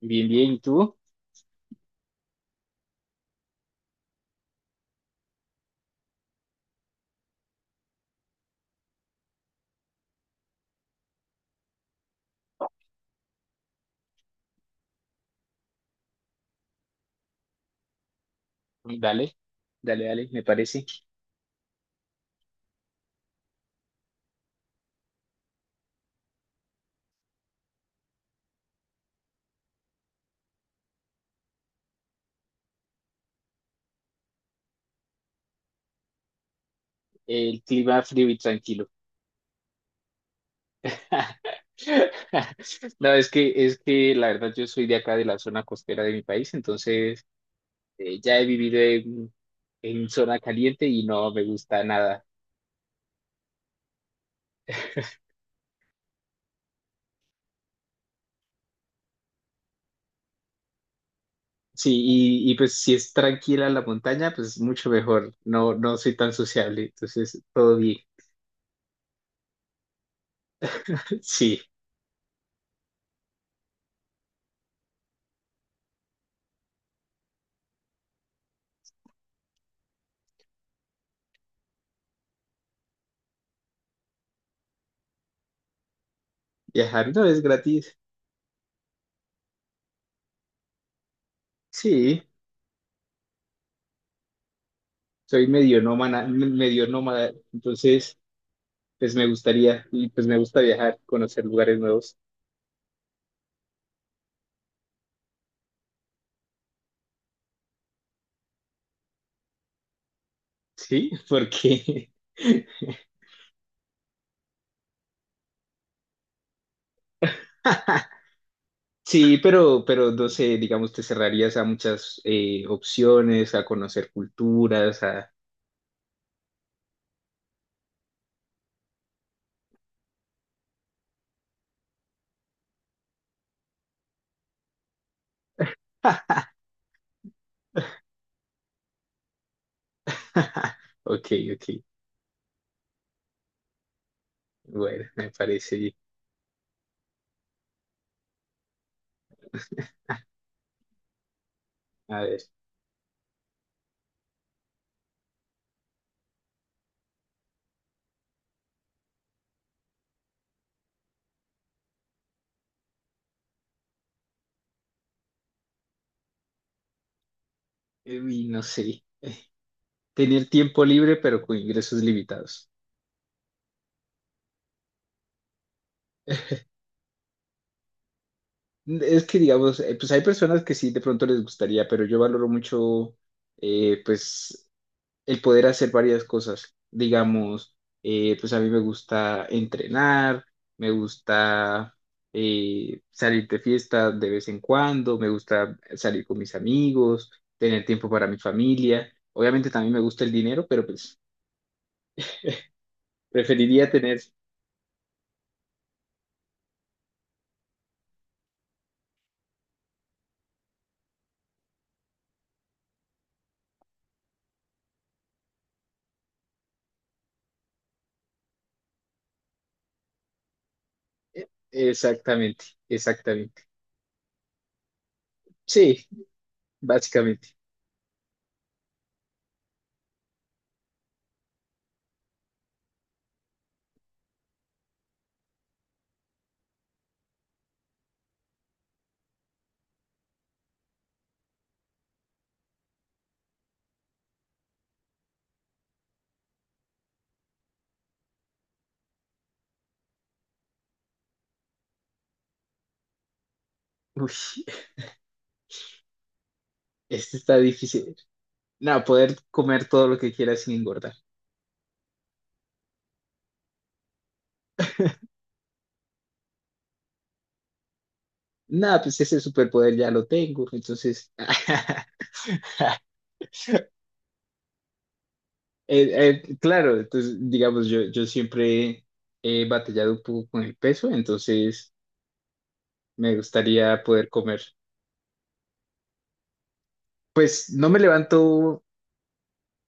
Bien, bien, ¿y tú? Dale, dale, dale, me parece. El clima frío y tranquilo. No, es que la verdad yo soy de acá, de la zona costera de mi país, entonces ya he vivido en zona caliente y no me gusta nada. Sí, y pues si es tranquila la montaña, pues mucho mejor. No, no soy tan sociable, entonces todo bien. Sí, viajar no es gratis. Sí, soy medio nómada, entonces... Pues me gustaría, y pues me gusta viajar, conocer lugares nuevos. Sí, porque sí, pero no sé, digamos, te cerrarías a muchas opciones, a conocer culturas, a... Ok, ok, bueno, me parece bien. A ver, uy, no sé, tener tiempo libre pero con ingresos limitados. Es que, digamos, pues hay personas que sí, de pronto les gustaría, pero yo valoro mucho, pues, el poder hacer varias cosas. Digamos, pues a mí me gusta entrenar, me gusta salir de fiesta de vez en cuando, me gusta salir con mis amigos, tener tiempo para mi familia. Obviamente también me gusta el dinero, pero pues preferiría tener... Exactamente, exactamente. Sí, básicamente. Uy, este está difícil. No, poder comer todo lo que quiera sin engordar. No, pues ese superpoder ya lo tengo, entonces Eh, claro, entonces, digamos, yo siempre he batallado un poco con el peso, entonces me gustaría poder comer. Pues no me levanto,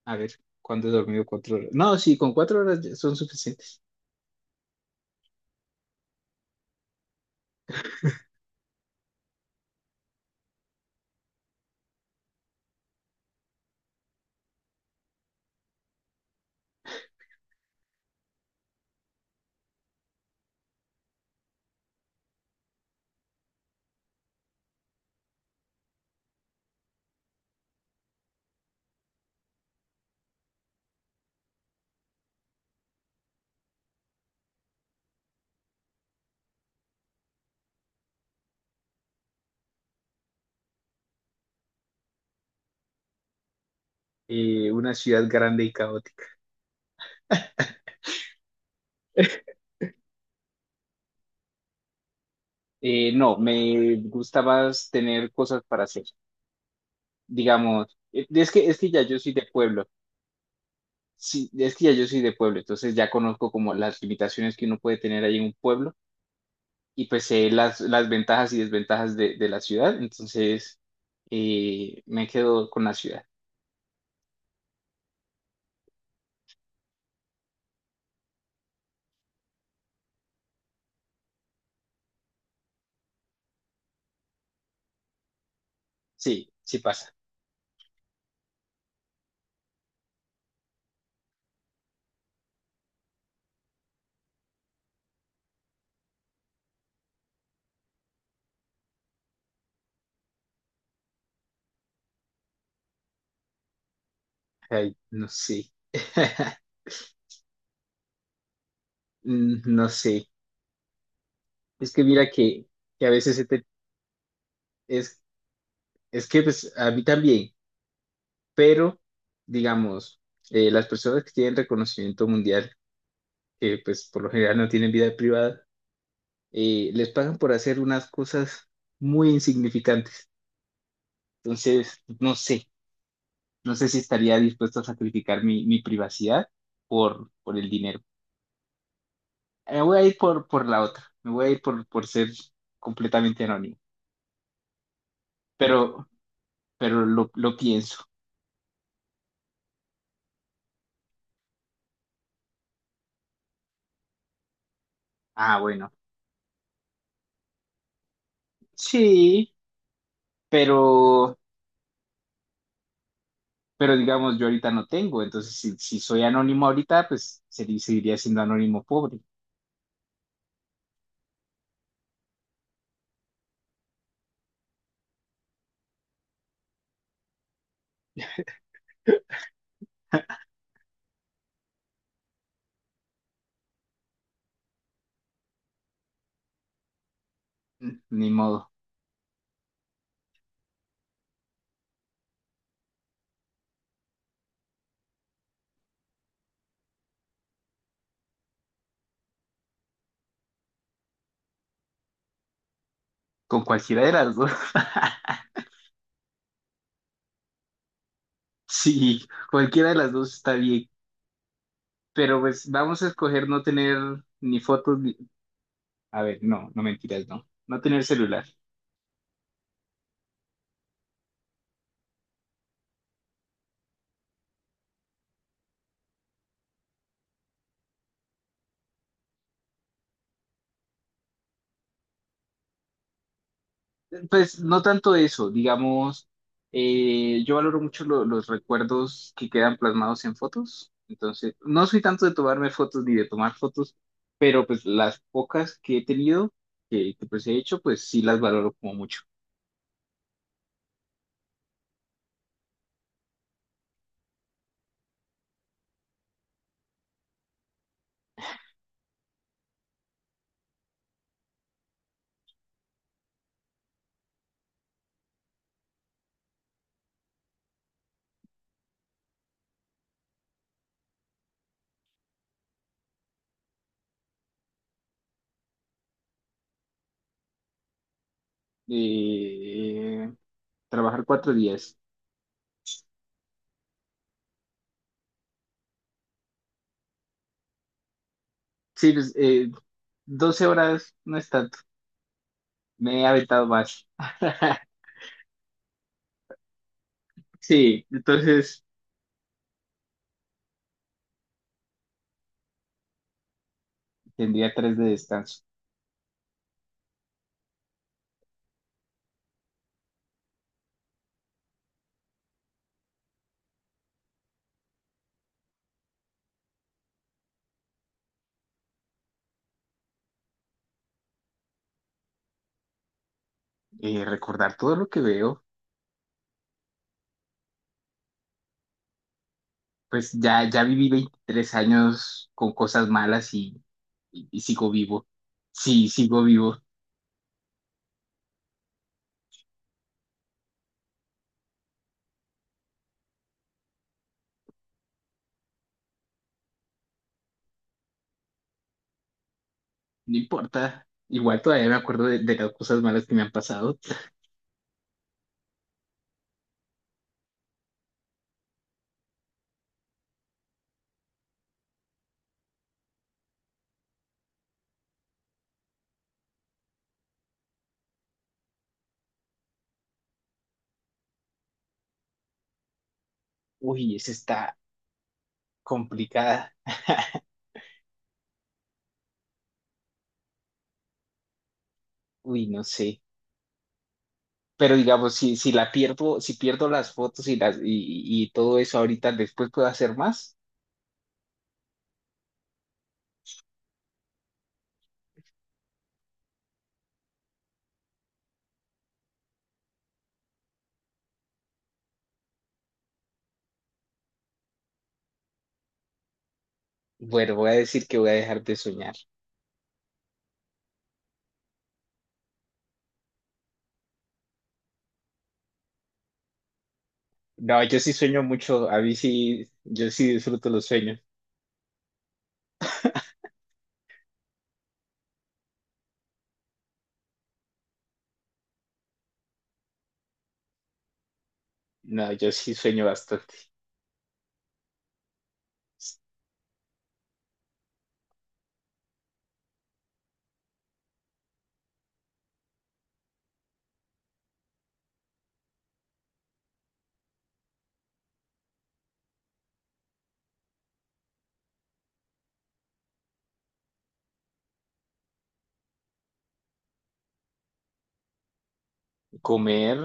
a ver, ¿cuándo he dormido? 4 horas. No, sí, con 4 horas ya son suficientes. Una ciudad grande y caótica. No, me gusta más tener cosas para hacer. Digamos, es que ya yo soy de pueblo. Sí, es que ya yo soy de pueblo, entonces ya conozco como las limitaciones que uno puede tener ahí en un pueblo. Y pues sé las ventajas y desventajas de la ciudad, entonces me quedo con la ciudad. Sí, sí pasa. Ay, no sé. No sé. Es que mira que a veces se te- es, es que pues a mí también, pero digamos, las personas que tienen reconocimiento mundial, que pues por lo general no tienen vida privada, les pagan por hacer unas cosas muy insignificantes. Entonces, no sé. No sé si estaría dispuesto a sacrificar mi privacidad por el dinero. Me voy a ir por la otra. Me voy a ir por ser completamente anónimo. Pero, pero lo pienso. Ah, bueno. Sí, pero, pero digamos, yo ahorita no tengo. Entonces, si soy anónimo ahorita, pues sería, seguiría siendo anónimo pobre. Ni modo. Con cualquiera de las dos. Sí, cualquiera de las dos está bien. Pero pues vamos a escoger no tener ni fotos, ni- A ver, no, no mentiras, no. No tener celular. Pues no tanto eso, digamos, yo valoro mucho los recuerdos que quedan plasmados en fotos. Entonces, no soy tanto de tomarme fotos ni de tomar fotos, pero pues las pocas que he tenido, que, pues he hecho, pues sí las valoro como mucho. Eh, Trabajar 4 días. Sí, pues, 12 horas no es tanto. Me he aventado más. Sí, entonces tendría tres de descanso. Recordar todo lo que veo. Pues ya, ya viví 23 años con cosas malas y sigo vivo. Sí, sigo vivo. No importa. Igual todavía me acuerdo de las cosas malas que me han pasado. Uy, esa está complicada. Uy, no sé. Pero digamos, si la pierdo, si pierdo las fotos y las y todo eso ahorita, después puedo hacer más. Bueno, voy a decir que voy a dejar de soñar. No, yo sí sueño mucho. A mí sí, yo sí disfruto los sueños. No, yo sí sueño bastante. Comer,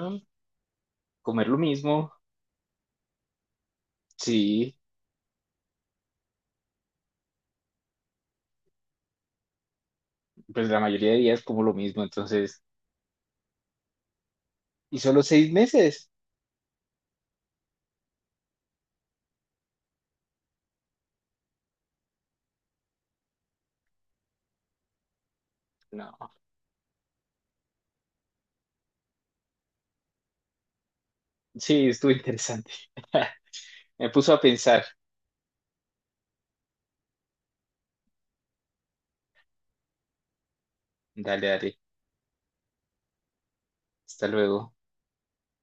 comer lo mismo, sí, pues la mayoría de días como lo mismo, entonces, ¿y solo 6 meses? No, sí, estuvo interesante. Me puso a pensar. Dale, dale, hasta luego.